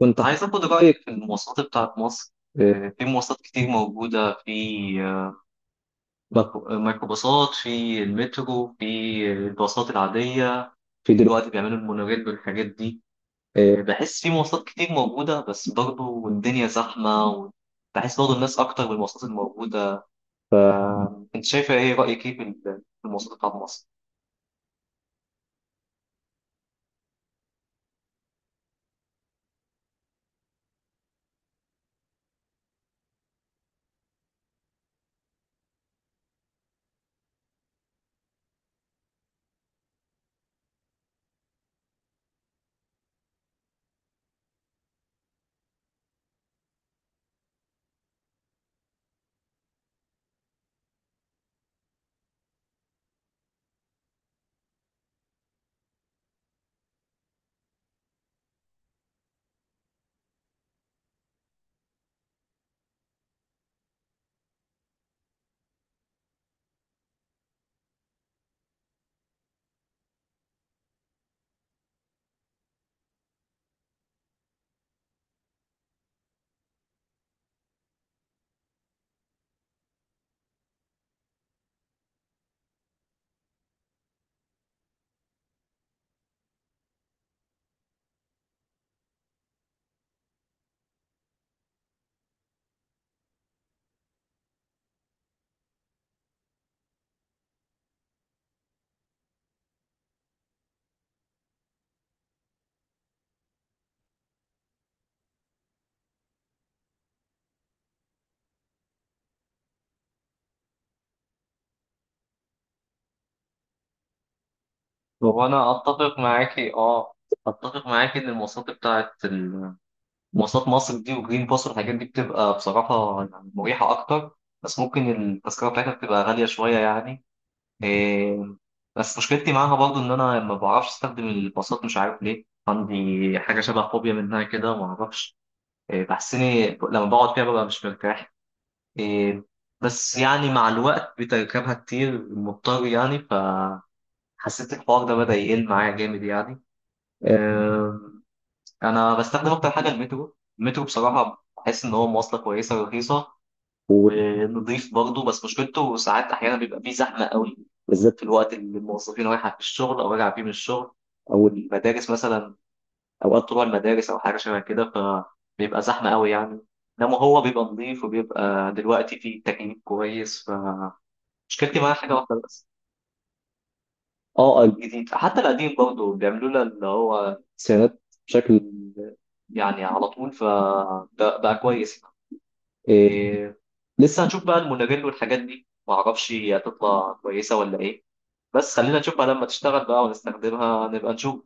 كنت عايز اخد رايك في المواصلات بتاعت مصر. في مواصلات كتير موجوده في آه، بق- ميكرو- آه، ميكروباصات، في المترو، في الباصات العاديه، في دلوقتي بيعملوا المونوريل والحاجات دي. بحس في مواصلات كتير موجوده بس برضه الدنيا زحمه، وبحس برضه الناس اكتر بالمواصلات الموجوده. فانت شايفه ايه، رايك ايه في في المواصلات بتاعت مصر؟ وانا اتفق معاكي، اه. اتفق معاكي ان المواصلات بتاعت مواصلات مصر دي وجرين باص والحاجات دي بتبقى بصراحة يعني مريحة أكتر، بس ممكن التذكرة بتاعتها بتبقى غالية شوية يعني. إيه، بس مشكلتي معاها برضو إن أنا ما بعرفش أستخدم الباصات، مش عارف ليه، عندي حاجة شبه فوبيا منها كده ما أعرفش. بحسني لما بقعد فيها ببقى مش مرتاح. إيه، بس يعني مع الوقت بتركبها كتير مضطر يعني، فحسيت الحوار ده بدأ يقل معايا جامد يعني. آه، انا بستخدم اكتر حاجه المترو. المترو بصراحه بحس ان هو مواصله كويسه ورخيصه ونضيف برضه، بس مشكلته ساعات احيانا بيبقى فيه زحمه قوي، بالذات في الوقت اللي الموظفين رايحه في الشغل او راجعه فيه من الشغل، او المدارس مثلا، اوقات طلوع المدارس او حاجه شبه كده، فبيبقى زحمه قوي يعني. انما هو بيبقى نظيف وبيبقى دلوقتي فيه تكييف كويس، فمشكلتي معاه حاجه واحده بس. اه، الجديد. حتى القديم برضه بيعملوا لنا اللي هو سيرات بشكل يعني على طول، فبقى كويس. إيه، لسه هنشوف بقى المونوريل والحاجات دي، معرفش هي هتطلع كويسة ولا ايه، بس خلينا نشوف بقى لما تشتغل بقى ونستخدمها نبقى نشوف.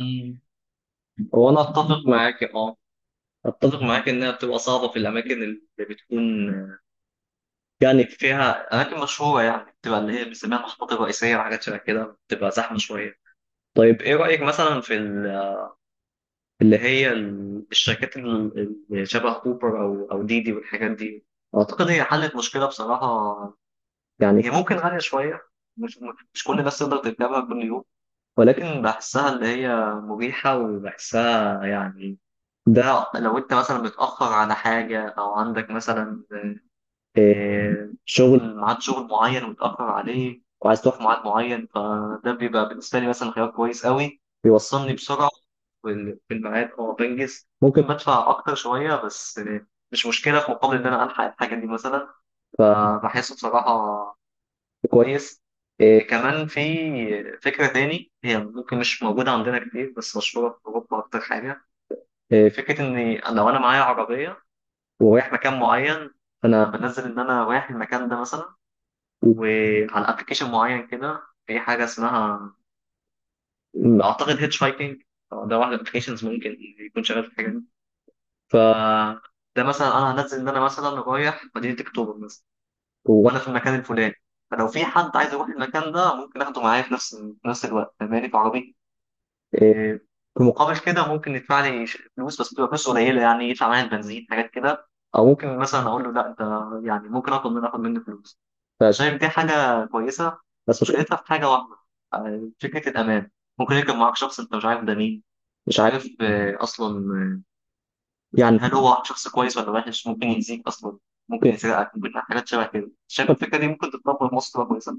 مم. هو انا اتفق معاك، اه. اتفق معاك انها بتبقى صعبه في الاماكن اللي بتكون يعني فيها اماكن مشهوره، يعني بتبقى اللي هي بنسميها المحطات الرئيسيه وحاجات شبه كده، بتبقى زحمه شويه. طيب ايه رايك مثلا في اللي هي الشركات اللي شبه اوبر او ديدي والحاجات دي؟ اعتقد هي حلت مشكله بصراحه، يعني هي ممكن غاليه شويه، مش مش كل الناس تقدر تركبها كل يوم. ولكن بحسها اللي هي مريحه وبحسها يعني، ده لو انت مثلا متاخر على حاجه او عندك مثلا شغل، ميعاد شغل معين ومتأخر عليه وعايز تروح في ميعاد معين، فده بيبقى بالنسبة لي مثلا خيار كويس قوي بيوصلني بسرعة في الميعاد، أو بنجز. ممكن بدفع أكتر شوية بس مش مشكلة في مقابل إن أنا ألحق الحاجة دي مثلا، فبحسه بصراحة كويس. كمان في فكرة تاني، هي ممكن مش موجودة عندنا كتير بس مشهورة في أوروبا أكتر حاجة. فكرة إن أنا لو أنا معايا عربية ورايح مكان معين، فأنا بنزل إن أنا رايح المكان ده مثلا وعلى ابلكيشن معين كده، في حاجه اسمها اعتقد هيتش هايكنج. ده واحد من الابلكيشنز ممكن يكون شغال في الحاجه دي. ف، ده مثلا انا هنزل ان انا مثلا رايح مدينه اكتوبر مثلا، وانا في المكان الفلاني، فلو في حد عايز يروح المكان ده ممكن اخده معايا في نفس الوقت فاهماني، في عربيتي. إيه، في مقابل كده ممكن يدفع لي فلوس، بس بتبقى فلوس قليله يعني، يدفع معايا البنزين حاجات كده. او ممكن مثلا اقول له لا، انت يعني ممكن اخد منه فلوس. شايف دي حاجه كويسه، بس مشكلتها في حاجه واحده، فكره الامان. ممكن يركب معاك شخص انت مش عارف ده مين، مش عارف اصلا يعني هل هو شخص كويس ولا وحش، ممكن يأذيك اصلا، ممكن يسرقك، ممكن حاجات شبه كده. شايف الفكره دي ممكن تتطبق في مصر تبقى كويسه؟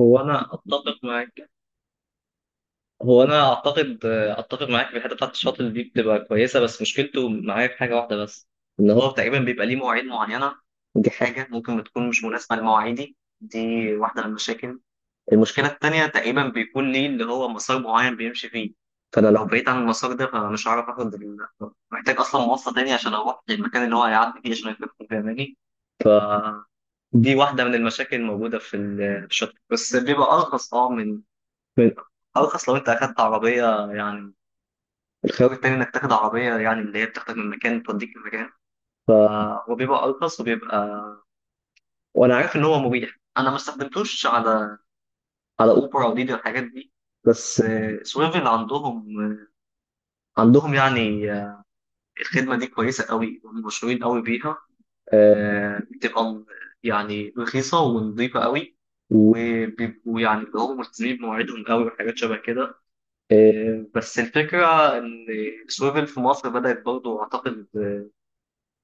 هو انا اتفق معاك. هو انا اعتقد اتفق معاك في الحته بتاعت الشاطئ دي بتبقى كويسه، بس مشكلته معايا في حاجه واحده بس، ان هو تقريبا بيبقى ليه مواعيد معينه، دي حاجه ممكن بتكون مش مناسبه لمواعيدي دي، واحده من المشاكل. المشكله التانيه تقريبا بيكون ليه اللي هو مسار معين بيمشي فيه، فانا لو بعيد عن المسار ده فمش هعرف اخد محتاج اصلا مواصله تانية عشان اروح للمكان اللي هو هيعدي فيه عشان يكون فاهماني. دي واحده من المشاكل الموجوده في في الشاطئ، بس بيبقى ارخص اه من- ارخص لو انت اخدت عربيه يعني، الخيار التاني انك تاخد عربيه يعني اللي هي بتاخدك من مكان توديك لمكان. ف، هو بيبقى ارخص وبيبقى، وانا عارف ان هو مريح، انا ما استخدمتوش على اوبر او ديدي والحاجات دي. بس سويفل عندهم يعني الخدمه دي كويسه قوي، هم مشهورين قوي بيها. آه، بتبقى م- يعني رخيصه ونظيفه قوي، وبيبقوا يعني اللي هم ملتزمين بمواعيدهم قوي وحاجات شبه كده. بس الفكره ان سويفل في مصر بدات برضه اعتقد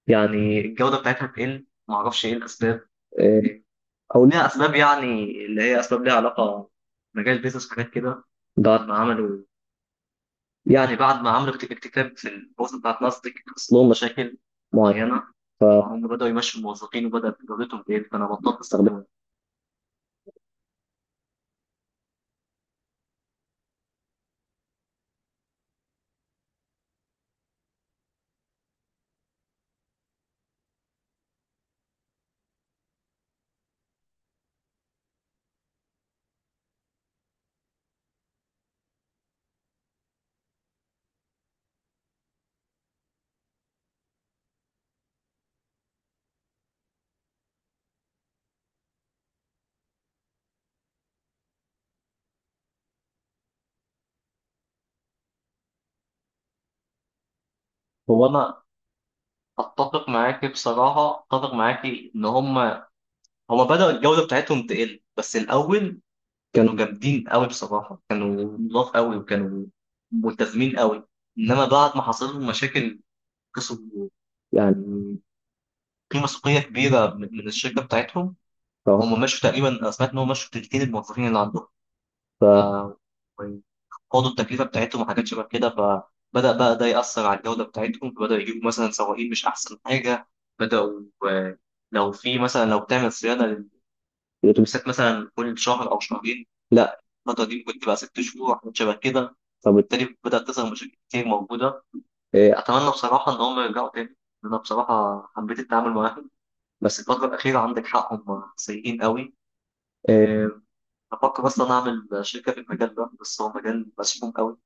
يعني الجودة بتاعتها بتقل، معرفش ايه الأسباب. آه، أو ليها أسباب يعني اللي هي أسباب ليها علاقة مجال بيزنس وحاجات كده. بعد ما عملوا بعد ما عملوا اكتتاب في البورصة بتاعت ناسداك، حصل لهم مشاكل معينة، فهم بدأوا يمشوا الموظفين وبدأت جودتهم تقل، فأنا بطلت استخدمها. هو أنا أتفق معاك بصراحة، أتفق معاك إن هم هم بدأوا الجودة بتاعتهم تقل. بس الأول كانوا جامدين قوي بصراحه، كانوا نضاف قوي وكانوا ملتزمين قوي. انما بعد ما حصل لهم مشاكل كسبوا يعني قيمه سوقيه كبيره من الشركه بتاعتهم. اه هم مشوا تقريبا، انا سمعت ان هم مشوا تلتين الموظفين اللي عندهم. ف، خدوا التكلفه بتاعتهم وحاجات شبه كده، فبدا بقى ده ياثر على الجوده بتاعتهم، فبداوا يجيبوا مثلا سواقين مش احسن حاجه، بداوا آه، لو في مثلا لو بتعمل صيانه الاتوبيسات مثلا كل شهر او شهرين، لا، الفتره دي ممكن تبقى 6 شهور حاجات شبه كده، فبالتالي بدات تظهر مشاكل كتير موجوده. اتمنى بصراحه ان هم يرجعوا تاني، انا بصراحه حبيت التعامل معاهم، بس الفتره الاخيره عندك حق هم سيئين قوي. إيه، بفكر اصلا اعمل شركه في المجال ده، بس هو مجال مسموم قوي.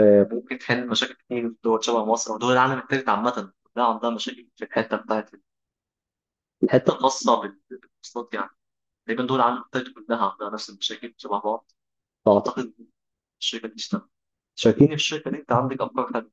ممكن تحل مشاكل كتير في دول شبه مصر، ودول العالم التالت عامه كلها عندها مشاكل في الحته بتاعت بالمواصلات يعني، تقريبا دول العالم التالت كلها عندها نفس المشاكل شبه بعض. أعتقد الشركة دي اشتغل، شاركيني في الشركة دي، أنت عندك أفكار.